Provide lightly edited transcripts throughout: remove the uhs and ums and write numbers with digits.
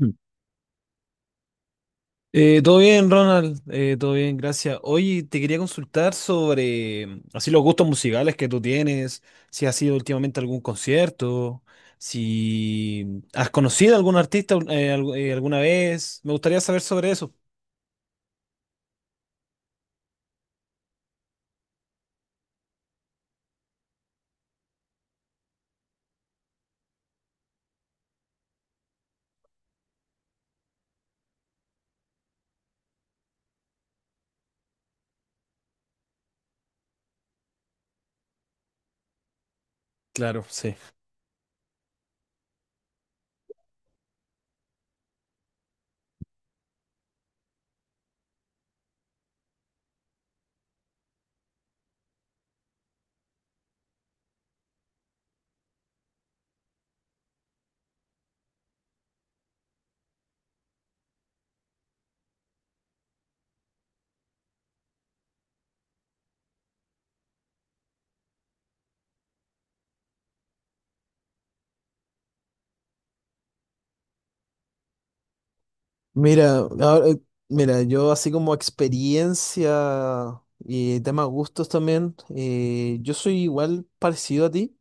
Mm. Todo bien, Ronald. Todo bien, gracias. Oye, te quería consultar sobre así los gustos musicales que tú tienes, si has ido últimamente a algún concierto, si has conocido a algún artista alguna vez. Me gustaría saber sobre eso. Claro, sí. Mira, ahora- eh, mira, yo así como experiencia y tema gustos también, yo soy igual parecido a ti.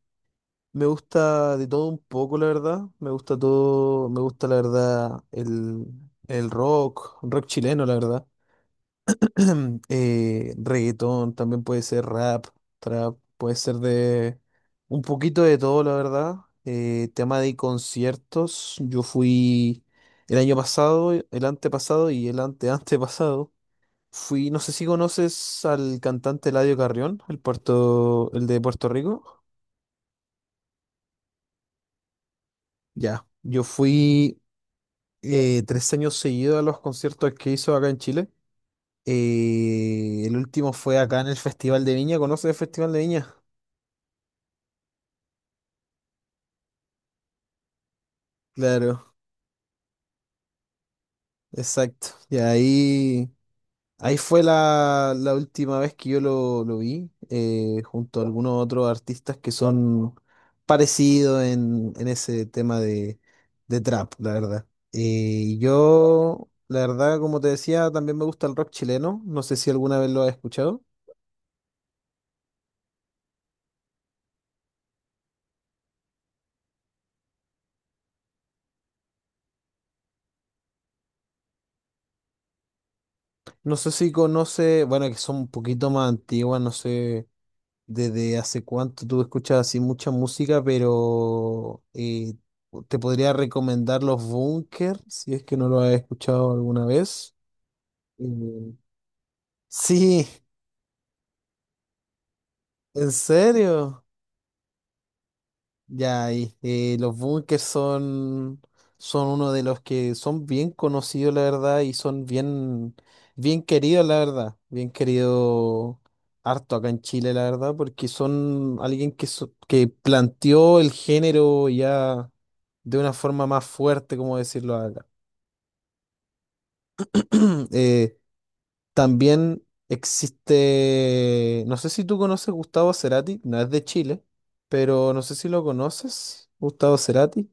Me gusta de todo un poco, la verdad. Me gusta todo, me gusta la verdad el rock, rock chileno, la verdad. Reggaetón, también puede ser rap, trap, puede ser de un poquito de todo, la verdad. Tema de conciertos, yo fui el año pasado, el antepasado y el ante anteantepasado. Fui, no sé si conoces al cantante Eladio Carrión, el de Puerto Rico. Ya, yo fui 3 años seguidos a los conciertos que hizo acá en Chile. El último fue acá en el Festival de Viña. ¿Conoces el Festival de Viña? Claro, exacto. Ahí fue la última vez que lo vi, junto a algunos otros artistas que son parecidos en ese tema de trap, la verdad. Yo, la verdad, como te decía, también me gusta el rock chileno. No sé si alguna vez lo has escuchado. No sé si conoce, bueno, que son un poquito más antiguas, no sé desde hace cuánto tú escuchas así mucha música, pero te podría recomendar los Bunkers, si es que no lo has escuchado alguna vez. Eh, sí, en serio. Ya, y los bunkers son uno de los que son bien conocidos, la verdad, y son bien, bien queridos, la verdad. Bien querido harto acá en Chile, la verdad, porque son alguien que planteó el género ya de una forma más fuerte, como decirlo acá. Eh, También existe, no sé si tú conoces Gustavo Cerati, no es de Chile, pero no sé si lo conoces, Gustavo Cerati.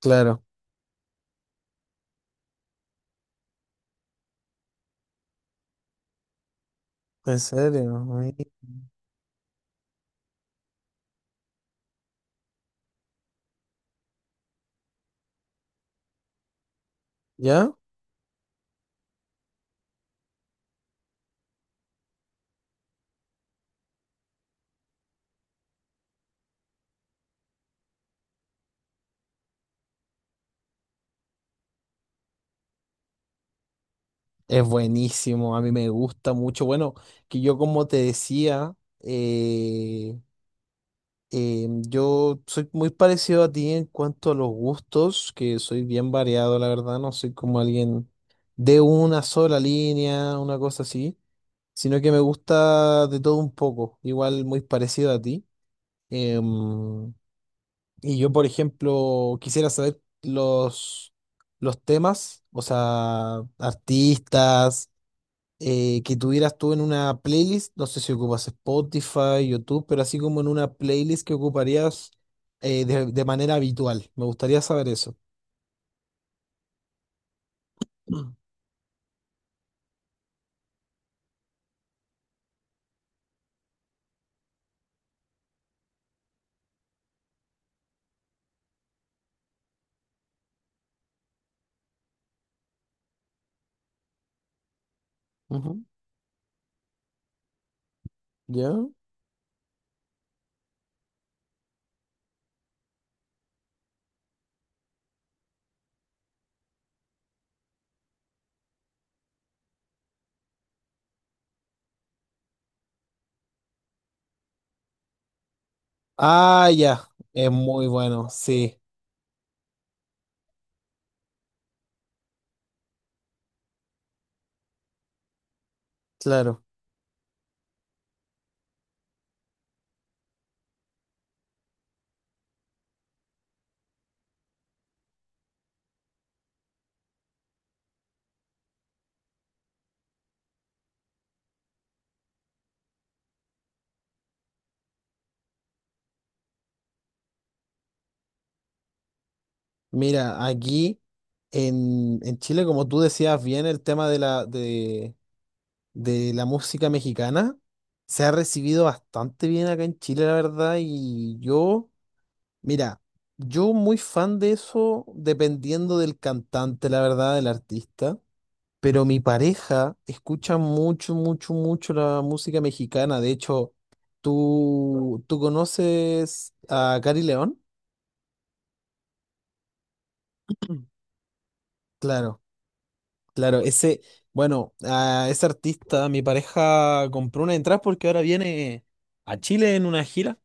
Claro. En serio, mi- ¿ya? Es buenísimo, a mí me gusta mucho. Bueno, que yo como te decía, eh, yo soy muy parecido a ti en cuanto a los gustos, que soy bien variado, la verdad, no soy como alguien de una sola línea, una cosa así, sino que me gusta de todo un poco, igual muy parecido a ti. Em, Y yo, por ejemplo, quisiera saber los temas, o sea, artistas, que tuvieras tú en una playlist, no sé si ocupas Spotify, YouTube, pero así como en una playlist que ocuparías de manera habitual. Me gustaría saber eso. Mm. Ujú. ¿Ya? Ah, ya, es muy bueno, sí, claro. Mira, aquí en Chile, como tú decías bien, el tema de de la música mexicana. Se ha recibido bastante bien acá en Chile, la verdad, y yo, mira, yo muy fan de eso, dependiendo del cantante, la verdad, del artista, pero mi pareja escucha mucho, mucho, mucho la música mexicana. De hecho, tú conoces a Cari León? Claro, claro, ese, bueno, a ese artista, mi pareja compró una entrada porque ahora viene a Chile en una gira.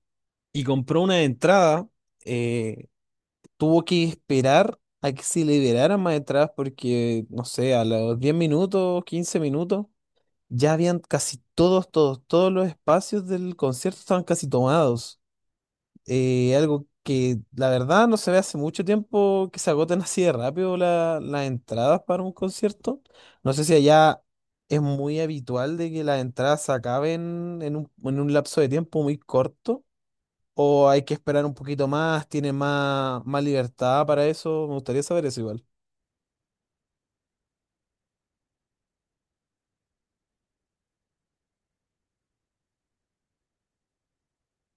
Y compró una entrada, eh, tuvo que esperar a que se liberaran más entradas porque, no sé, a los 10 minutos, 15 minutos, ya habían casi todos, todos, todos los espacios del concierto estaban casi tomados. Algo que la verdad no se ve hace mucho tiempo que se agoten así de rápido la- las entradas para un concierto. No sé si allá es muy habitual de que las entradas se acaben en un lapso de tiempo muy corto. ¿O hay que esperar un poquito más? ¿Tiene más, más libertad para eso? Me gustaría saber eso igual.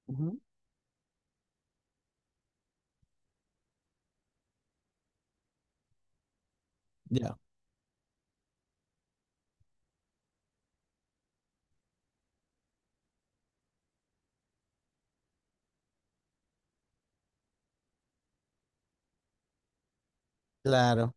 Ujú. Ya, claro,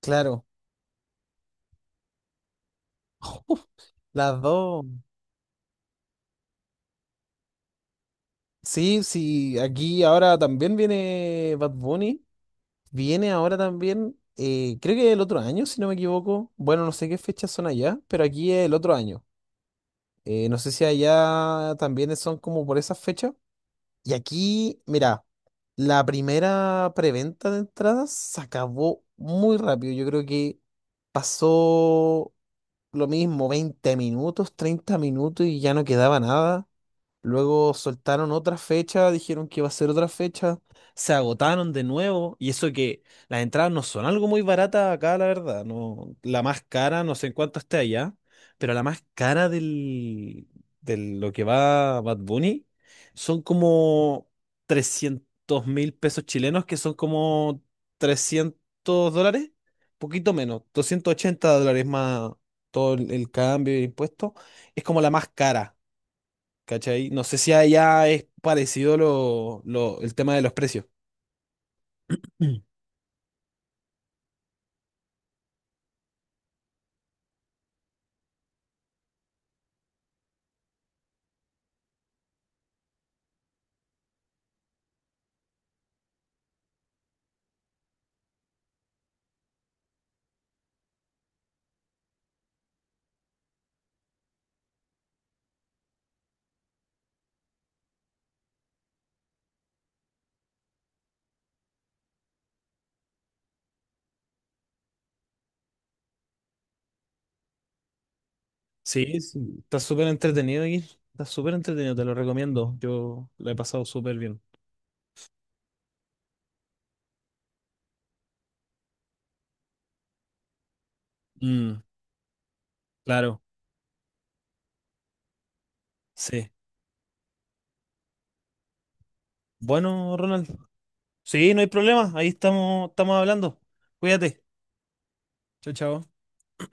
claro. Uf, las dos. Sí, sí, aquí ahora también viene Bad Bunny. Viene ahora también, creo que el otro año, si no me equivoco. Bueno, no sé qué fechas son allá, pero aquí es el otro año. No sé si allá también son como por esas fechas. Y aquí, mira, la primera preventa de entradas se acabó muy rápido. Yo creo que pasó lo mismo, 20 minutos, 30 minutos y ya no quedaba nada. Luego soltaron otra fecha, dijeron que iba a ser otra fecha, se agotaron de nuevo, y eso que las entradas no son algo muy baratas acá, la verdad, no, la más cara, no sé en cuánto esté allá, pero la más cara de lo que va Bad Bunny son como 300.000 pesos chilenos, que son como 300 dólares, poquito menos, 280 dólares más todo el cambio de impuestos, es como la más cara. ¿Cachai? No sé si allá es parecido el tema de los precios. Mm. Sí, está súper entretenido aquí. Está súper entretenido, te lo recomiendo. Yo lo he pasado súper bien. Mm, claro, sí. Bueno, Ronald. Sí, no hay problema. Ahí estamos, estamos hablando. Cuídate. Chao, chao.